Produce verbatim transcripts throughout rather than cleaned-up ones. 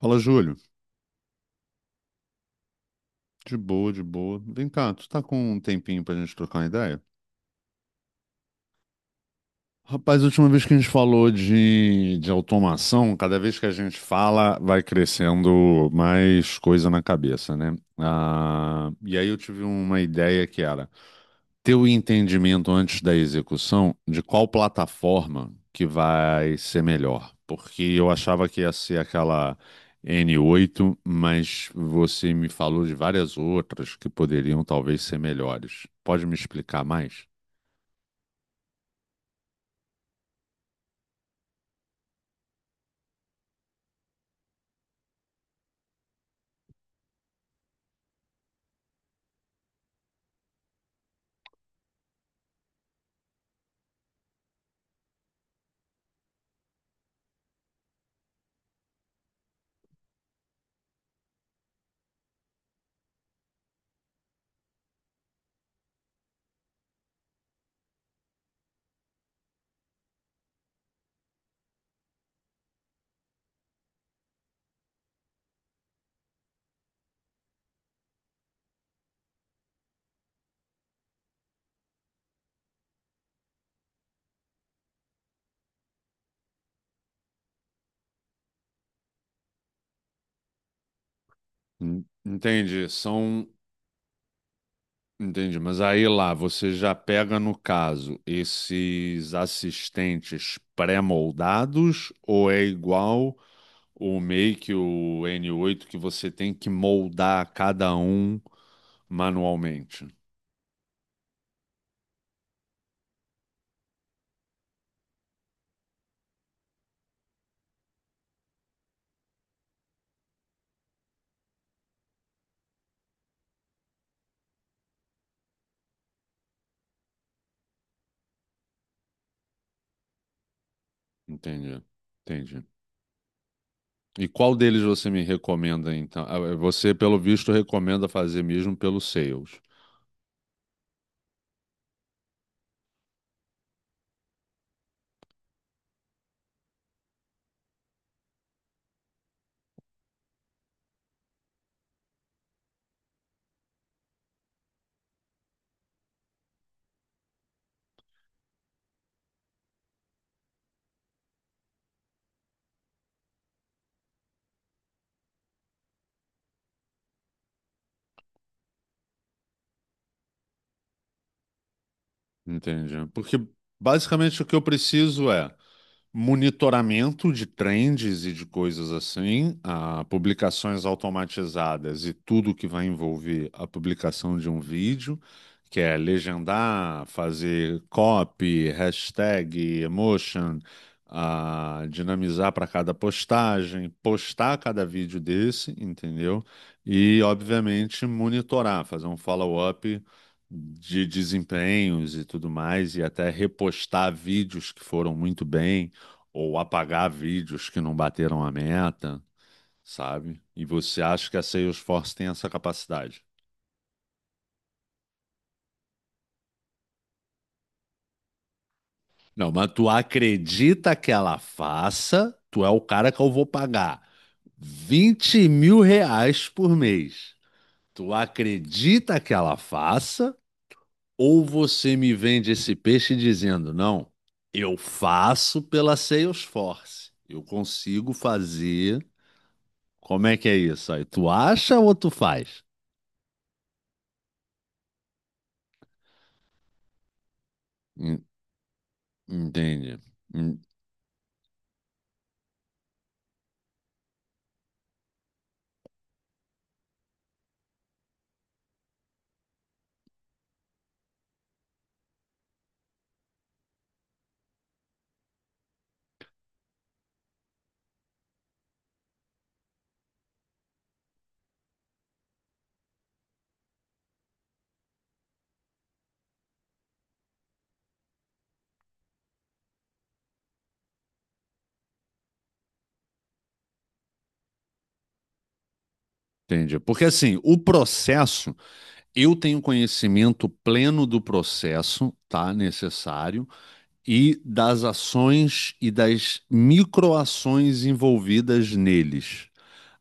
Fala, Júlio. De boa, de boa. Vem cá, tu tá com um tempinho pra gente trocar uma ideia? Rapaz, a última vez que a gente falou de, de automação, cada vez que a gente fala, vai crescendo mais coisa na cabeça, né? Ah, e aí eu tive uma ideia que era ter o entendimento antes da execução de qual plataforma que vai ser melhor. Porque eu achava que ia ser aquela N oito, mas você me falou de várias outras que poderiam talvez ser melhores. Pode me explicar mais? En- Entendi, são. Entendi, mas aí lá você já pega, no caso, esses assistentes pré-moldados ou é igual o Make, o n oito, que você tem que moldar cada um manualmente. Entendi, entendi. E qual deles você me recomenda, então? Ah, eh, Você, pelo visto, recomenda fazer mesmo pelo Sales. Entendi. Porque basicamente o que eu preciso é monitoramento de trends e de coisas assim, ah, publicações automatizadas e tudo que vai envolver a publicação de um vídeo, que é legendar, fazer copy, hashtag, emotion, ah, dinamizar para cada postagem, postar cada vídeo desse, entendeu? E, obviamente, monitorar, fazer um follow-up de desempenhos e tudo mais, e até repostar vídeos que foram muito bem ou apagar vídeos que não bateram a meta, sabe? E você acha que a Salesforce tem essa capacidade? Não, mas tu acredita que ela faça? Tu é o cara que eu vou pagar vinte mil reais por mês. Tu acredita que ela faça? Ou você me vende esse peixe dizendo, não, eu faço pela Salesforce. Eu consigo fazer. Como é que é isso aí? Tu acha ou tu faz? Hum, Entendi. Entendi. Porque assim, o processo, eu tenho conhecimento pleno do processo, tá? Necessário, e das ações e das microações envolvidas neles.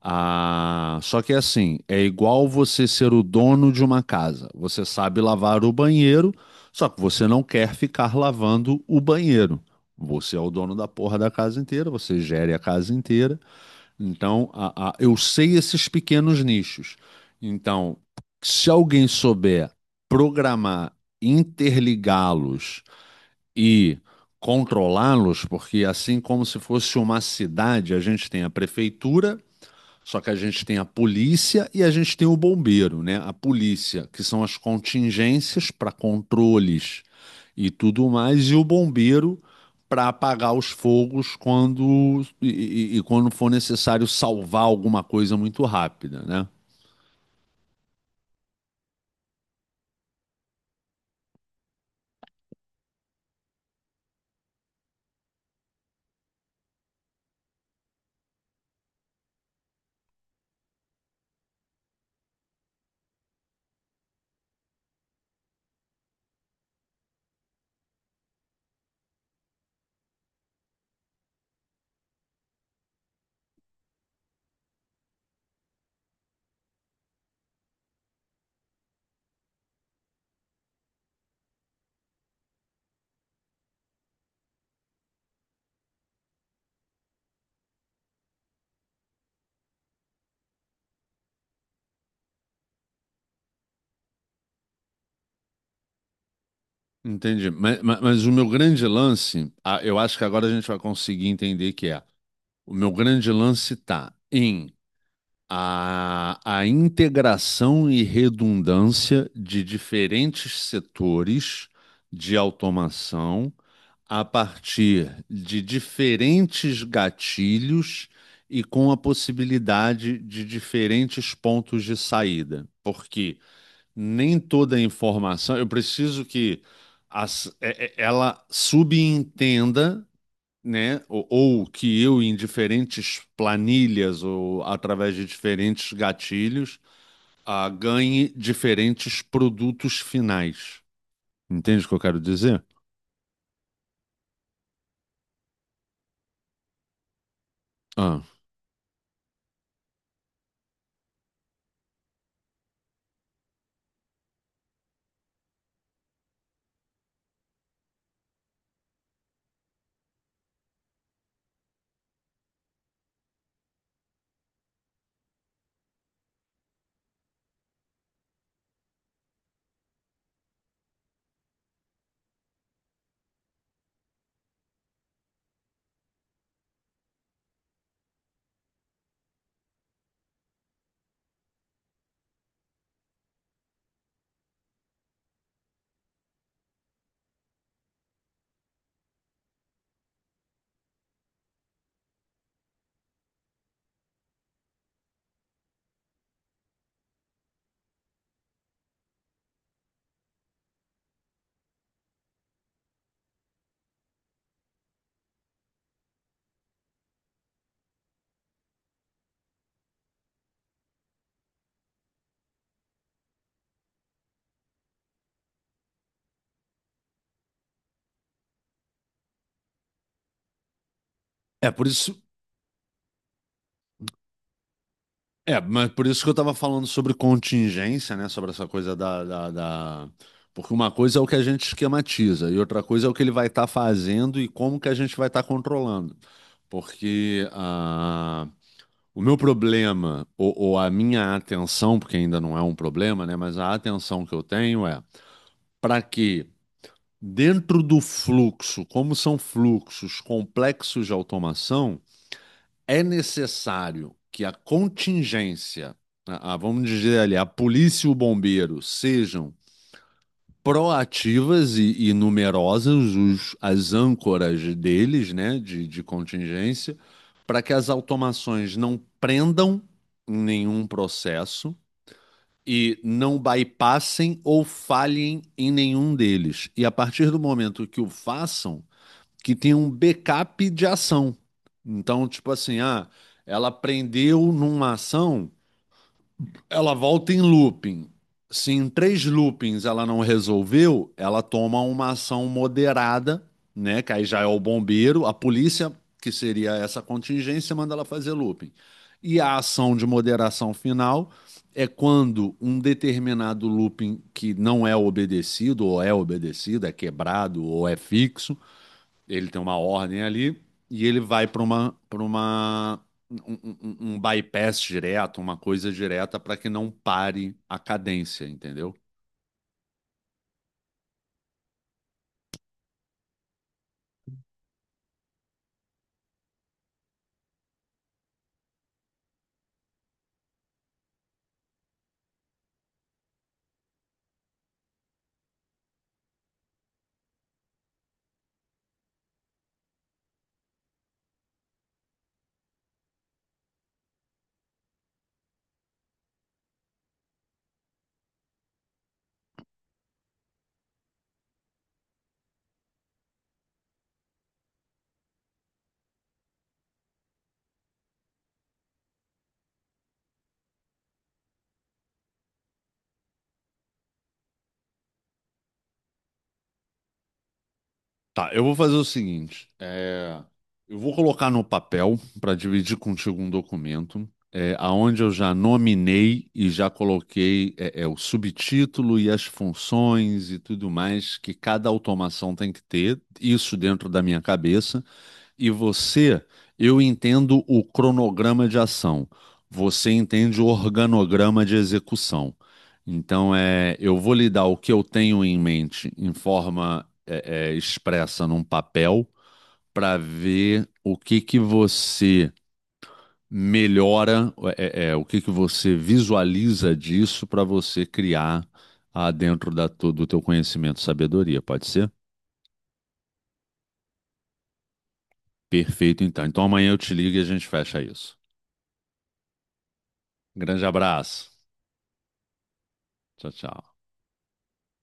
Ah, só que assim, é igual você ser o dono de uma casa. Você sabe lavar o banheiro, só que você não quer ficar lavando o banheiro. Você é o dono da porra da casa inteira, você gere a casa inteira. Então, a- a- eu sei esses pequenos nichos. Então, se alguém souber programar, interligá-los e controlá-los, porque assim como se fosse uma cidade, a gente tem a prefeitura, só que a gente tem a polícia e a gente tem o bombeiro, né? A polícia, que são as contingências para controles e tudo mais, e o bombeiro para apagar os fogos quando e, e- e quando for necessário salvar alguma coisa muito rápida, né? Entendi. Mas, mas- mas o meu grande lance, ah, eu acho que agora a gente vai conseguir entender, que é: o meu grande lance tá em A, a integração e redundância de diferentes setores de automação a partir de diferentes gatilhos e com a possibilidade de diferentes pontos de saída, porque nem toda a informação, eu preciso que as- é- é- ela subentenda, né? Ou, ou que eu, em diferentes planilhas ou através de diferentes gatilhos, ah, ganhe diferentes produtos finais. Entende o que eu quero dizer? Ah. É por isso. É, mas por isso que eu estava falando sobre contingência, né? Sobre essa coisa da, da, da- porque uma coisa é o que a gente esquematiza e outra coisa é o que ele vai estar fazendo e como que a gente vai estar controlando. Porque ah, o meu problema, ou, ou a minha atenção, porque ainda não é um problema, né? Mas a atenção que eu tenho é para que, dentro do fluxo, como são fluxos complexos de automação, é necessário que a contingência, a- a- vamos dizer ali, a polícia e o bombeiro sejam proativas e e numerosas, os- as âncoras deles, né, de, de contingência, para que as automações não prendam nenhum processo e não bypassem ou falhem em nenhum deles. E a partir do momento que o façam, que tem um backup de ação. Então, tipo assim, ah, ela prendeu numa ação, ela volta em looping. Se em três loopings ela não resolveu, ela toma uma ação moderada, né? Que aí já é o bombeiro, a polícia, que seria essa contingência, manda ela fazer looping. E a ação de moderação final é quando um determinado looping que não é obedecido, ou é obedecido, é quebrado, ou é fixo, ele tem uma ordem ali e ele vai para uma, para uma um, um- um um bypass direto, uma coisa direta para que não pare a cadência, entendeu? Tá, eu vou fazer o seguinte, é, eu vou colocar no papel para dividir contigo um documento, é, aonde eu já nominei e já coloquei é, é, o subtítulo e as funções e tudo mais que cada automação tem que ter, isso dentro da minha cabeça. E você, eu entendo o cronograma de ação. Você entende o organograma de execução. Então, é, eu vou lhe dar o que eu tenho em mente em forma é, é, expressa num papel para ver o que que você melhora, é, é, é, o que que você visualiza disso para você criar, ah, dentro da tu- do teu conhecimento, sabedoria, pode ser? Perfeito, então. Então amanhã eu te ligo e a gente fecha isso. Grande abraço. Tchau, tchau.